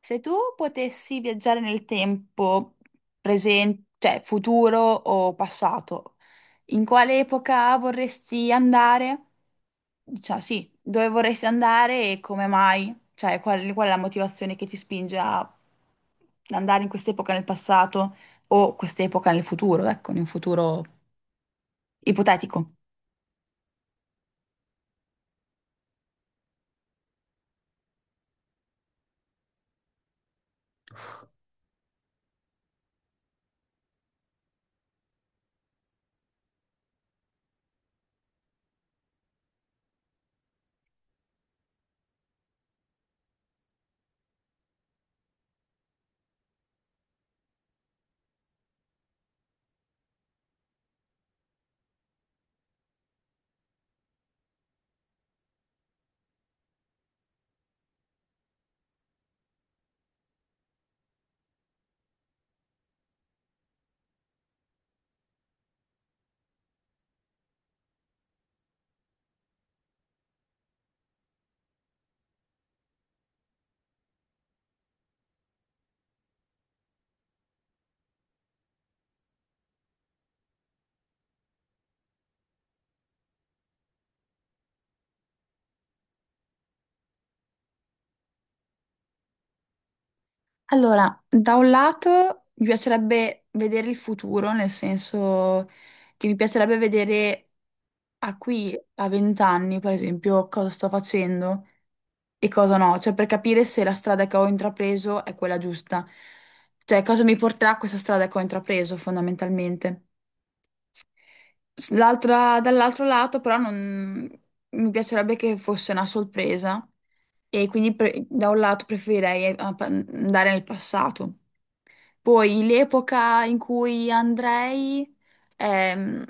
Se tu potessi viaggiare nel tempo, presente, cioè futuro o passato, in quale epoca vorresti andare? Cioè, sì, dove vorresti andare e come mai? Cioè, qual è la motivazione che ti spinge a andare in quest'epoca nel passato o quest'epoca nel futuro, ecco, in un futuro ipotetico? Allora, da un lato mi piacerebbe vedere il futuro, nel senso che mi piacerebbe vedere a qui, a vent'anni, per esempio, cosa sto facendo e cosa no, cioè per capire se la strada che ho intrapreso è quella giusta, cioè cosa mi porterà questa strada che ho intrapreso fondamentalmente. Dall'altro lato però non, mi piacerebbe che fosse una sorpresa e quindi da un lato preferirei andare nel passato. Poi l'epoca in cui andrei, ehm,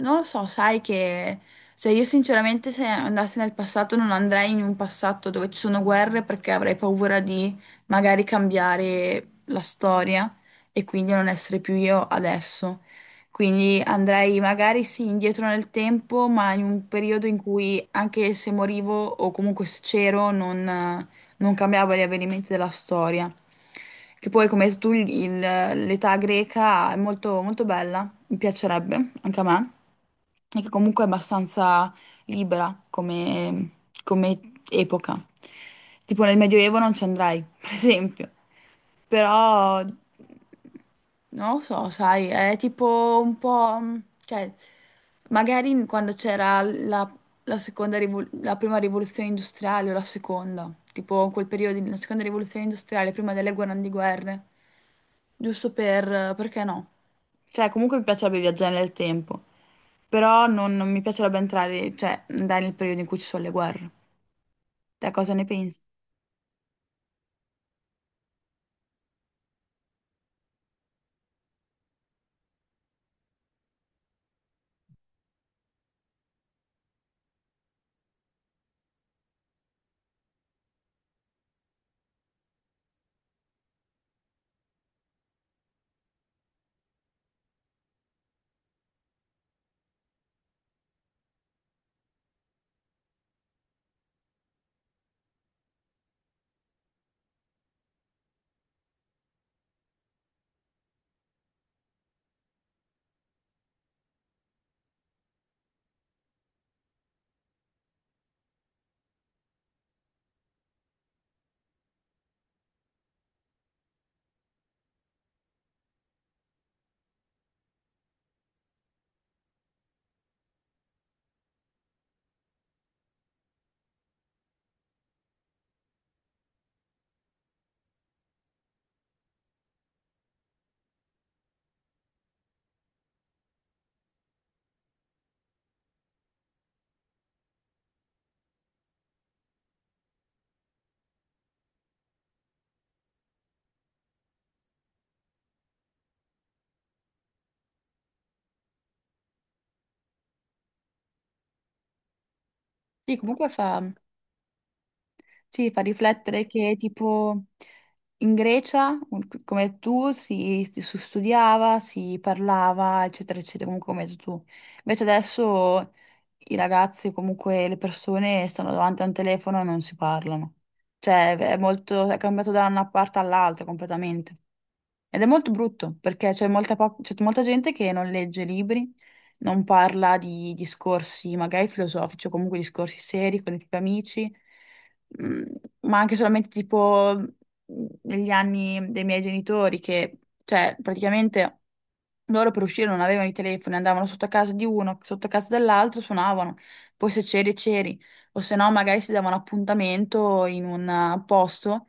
non lo so, sai che, cioè io sinceramente se andassi nel passato non andrei in un passato dove ci sono guerre perché avrei paura di magari cambiare la storia e quindi non essere più io adesso. Quindi andrei magari sì indietro nel tempo, ma in un periodo in cui anche se morivo o comunque se c'ero non cambiava gli avvenimenti della storia. Che poi, come hai detto tu, l'età greca è molto, molto bella, mi piacerebbe anche a me, e che comunque è abbastanza libera come epoca. Tipo nel Medioevo non ci andrai, per esempio. Però non lo so, sai, è tipo un po', cioè, magari quando c'era la prima rivoluzione industriale o la seconda, tipo in quel periodo, la seconda rivoluzione industriale, prima delle grandi guerre, giusto perché no? Cioè, comunque mi piacerebbe viaggiare nel tempo, però non mi piacerebbe entrare, cioè, andare nel periodo in cui ci sono le guerre. Te cosa ne pensi? Sì, sì, fa riflettere che tipo in Grecia, come tu, si studiava, si parlava, eccetera, eccetera, comunque come hai detto tu. Invece adesso i ragazzi, comunque le persone stanno davanti a un telefono e non si parlano. Cioè è molto, è cambiato da una parte all'altra completamente. Ed è molto brutto perché c'è molta gente che non legge libri, non parla di discorsi magari filosofici o comunque discorsi seri con i propri amici, mm, ma anche solamente tipo negli anni dei miei genitori che, cioè, praticamente loro per uscire non avevano i telefoni, andavano sotto a casa di uno, sotto a casa dell'altro, suonavano. Poi se c'eri, c'eri. O se no, magari si davano appuntamento in un posto.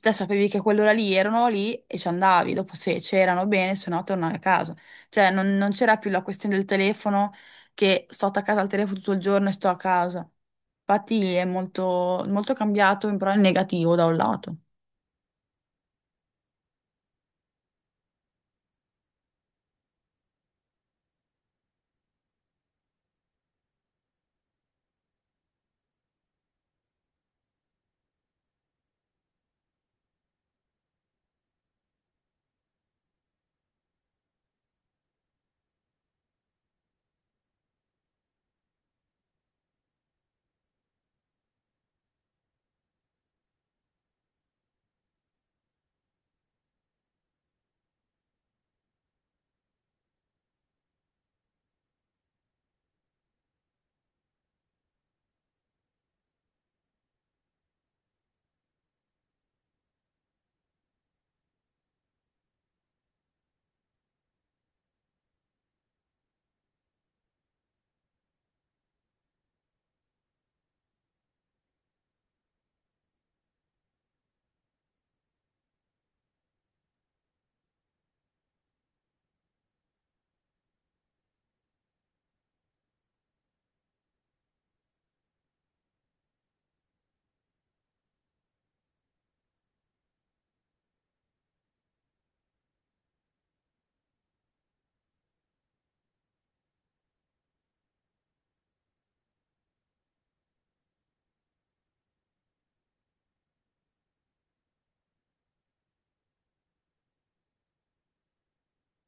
Te sapevi che a quell'ora lì erano lì e ci andavi. Dopo se c'erano bene, se no tornavi a casa. Cioè, non c'era più la questione del telefono che sto attaccata al telefono tutto il giorno e sto a casa. Infatti è molto, molto cambiato, però in negativo da un lato.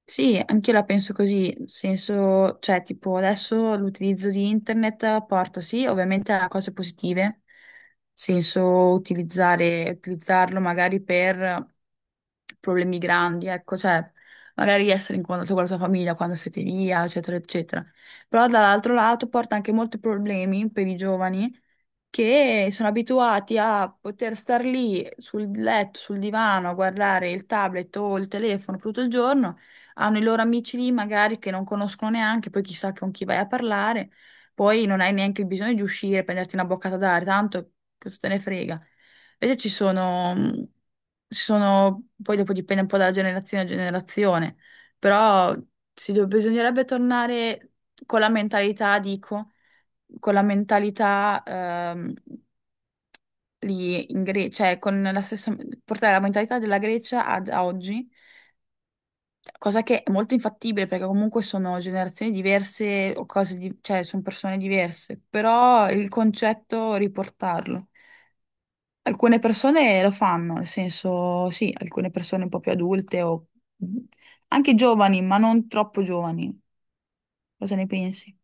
Sì, anch'io la penso così, nel senso, cioè, tipo, adesso l'utilizzo di internet porta sì, ovviamente a cose positive, nel senso utilizzarlo magari per problemi grandi, ecco, cioè, magari essere in contatto con la tua famiglia quando siete via, eccetera, eccetera. Però dall'altro lato porta anche molti problemi per i giovani, che sono abituati a poter star lì sul letto, sul divano, a guardare il tablet o il telefono per tutto il giorno, hanno i loro amici lì magari che non conoscono neanche, poi chissà con chi vai a parlare, poi non hai neanche il bisogno di uscire, prenderti una boccata d'aria, tanto cosa te ne frega. Invece ci sono, poi dopo dipende un po' dalla generazione a generazione, però bisognerebbe tornare con la mentalità, dico con la mentalità lì in Grecia, cioè con la stessa, portare la mentalità della Grecia ad a oggi, cosa che è molto infattibile perché comunque sono generazioni diverse o cioè sono persone diverse, però il concetto riportarlo. Alcune persone lo fanno, nel senso, sì, alcune persone un po' più adulte o anche giovani, ma non troppo giovani. Cosa ne pensi?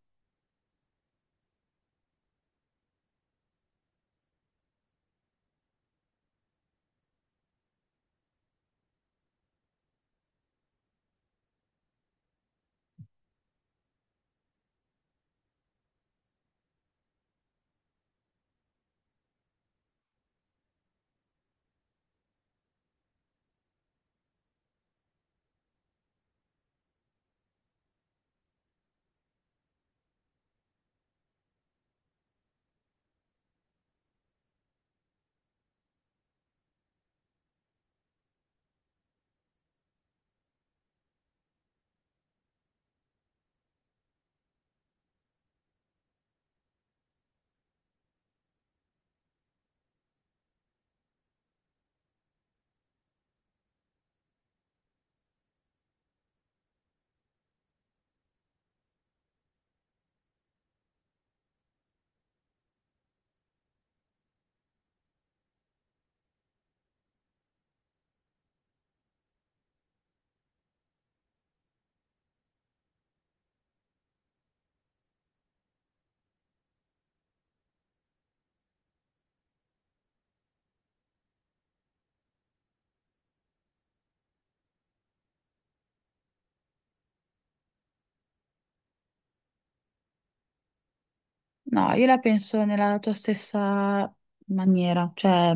No, io la penso nella tua stessa maniera, cioè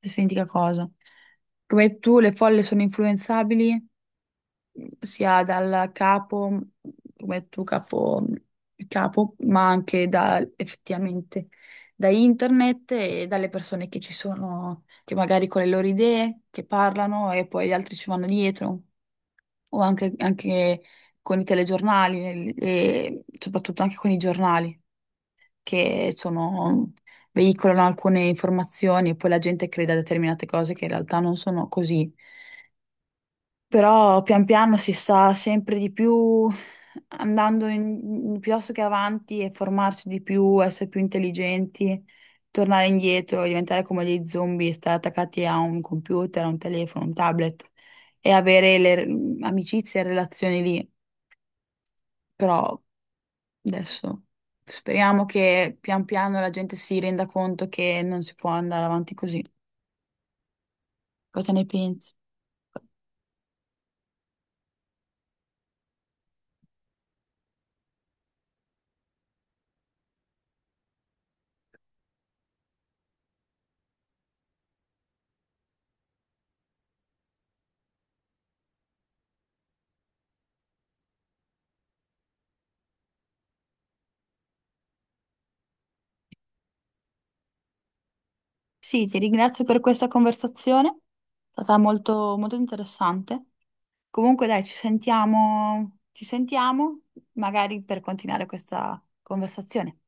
stessa identica cosa. Come tu, le folle sono influenzabili sia dal capo, come tu capo, il capo, ma anche da, effettivamente da internet e dalle persone che ci sono, che magari con le loro idee, che parlano e poi gli altri ci vanno dietro, o anche con i telegiornali e soprattutto anche con i giornali che sono- veicolano alcune informazioni e poi la gente crede a determinate cose che in realtà non sono così. Però pian piano si sta sempre di più piuttosto che avanti e formarsi di più, essere più intelligenti, tornare indietro, diventare come dei zombie, stare attaccati a un computer, a un telefono, un tablet e avere amicizie e relazioni lì. Però adesso speriamo che pian piano la gente si renda conto che non si può andare avanti così. Cosa ne pensi? Sì, ti ringrazio per questa conversazione, è stata molto, molto interessante. Comunque dai, ci sentiamo magari per continuare questa conversazione.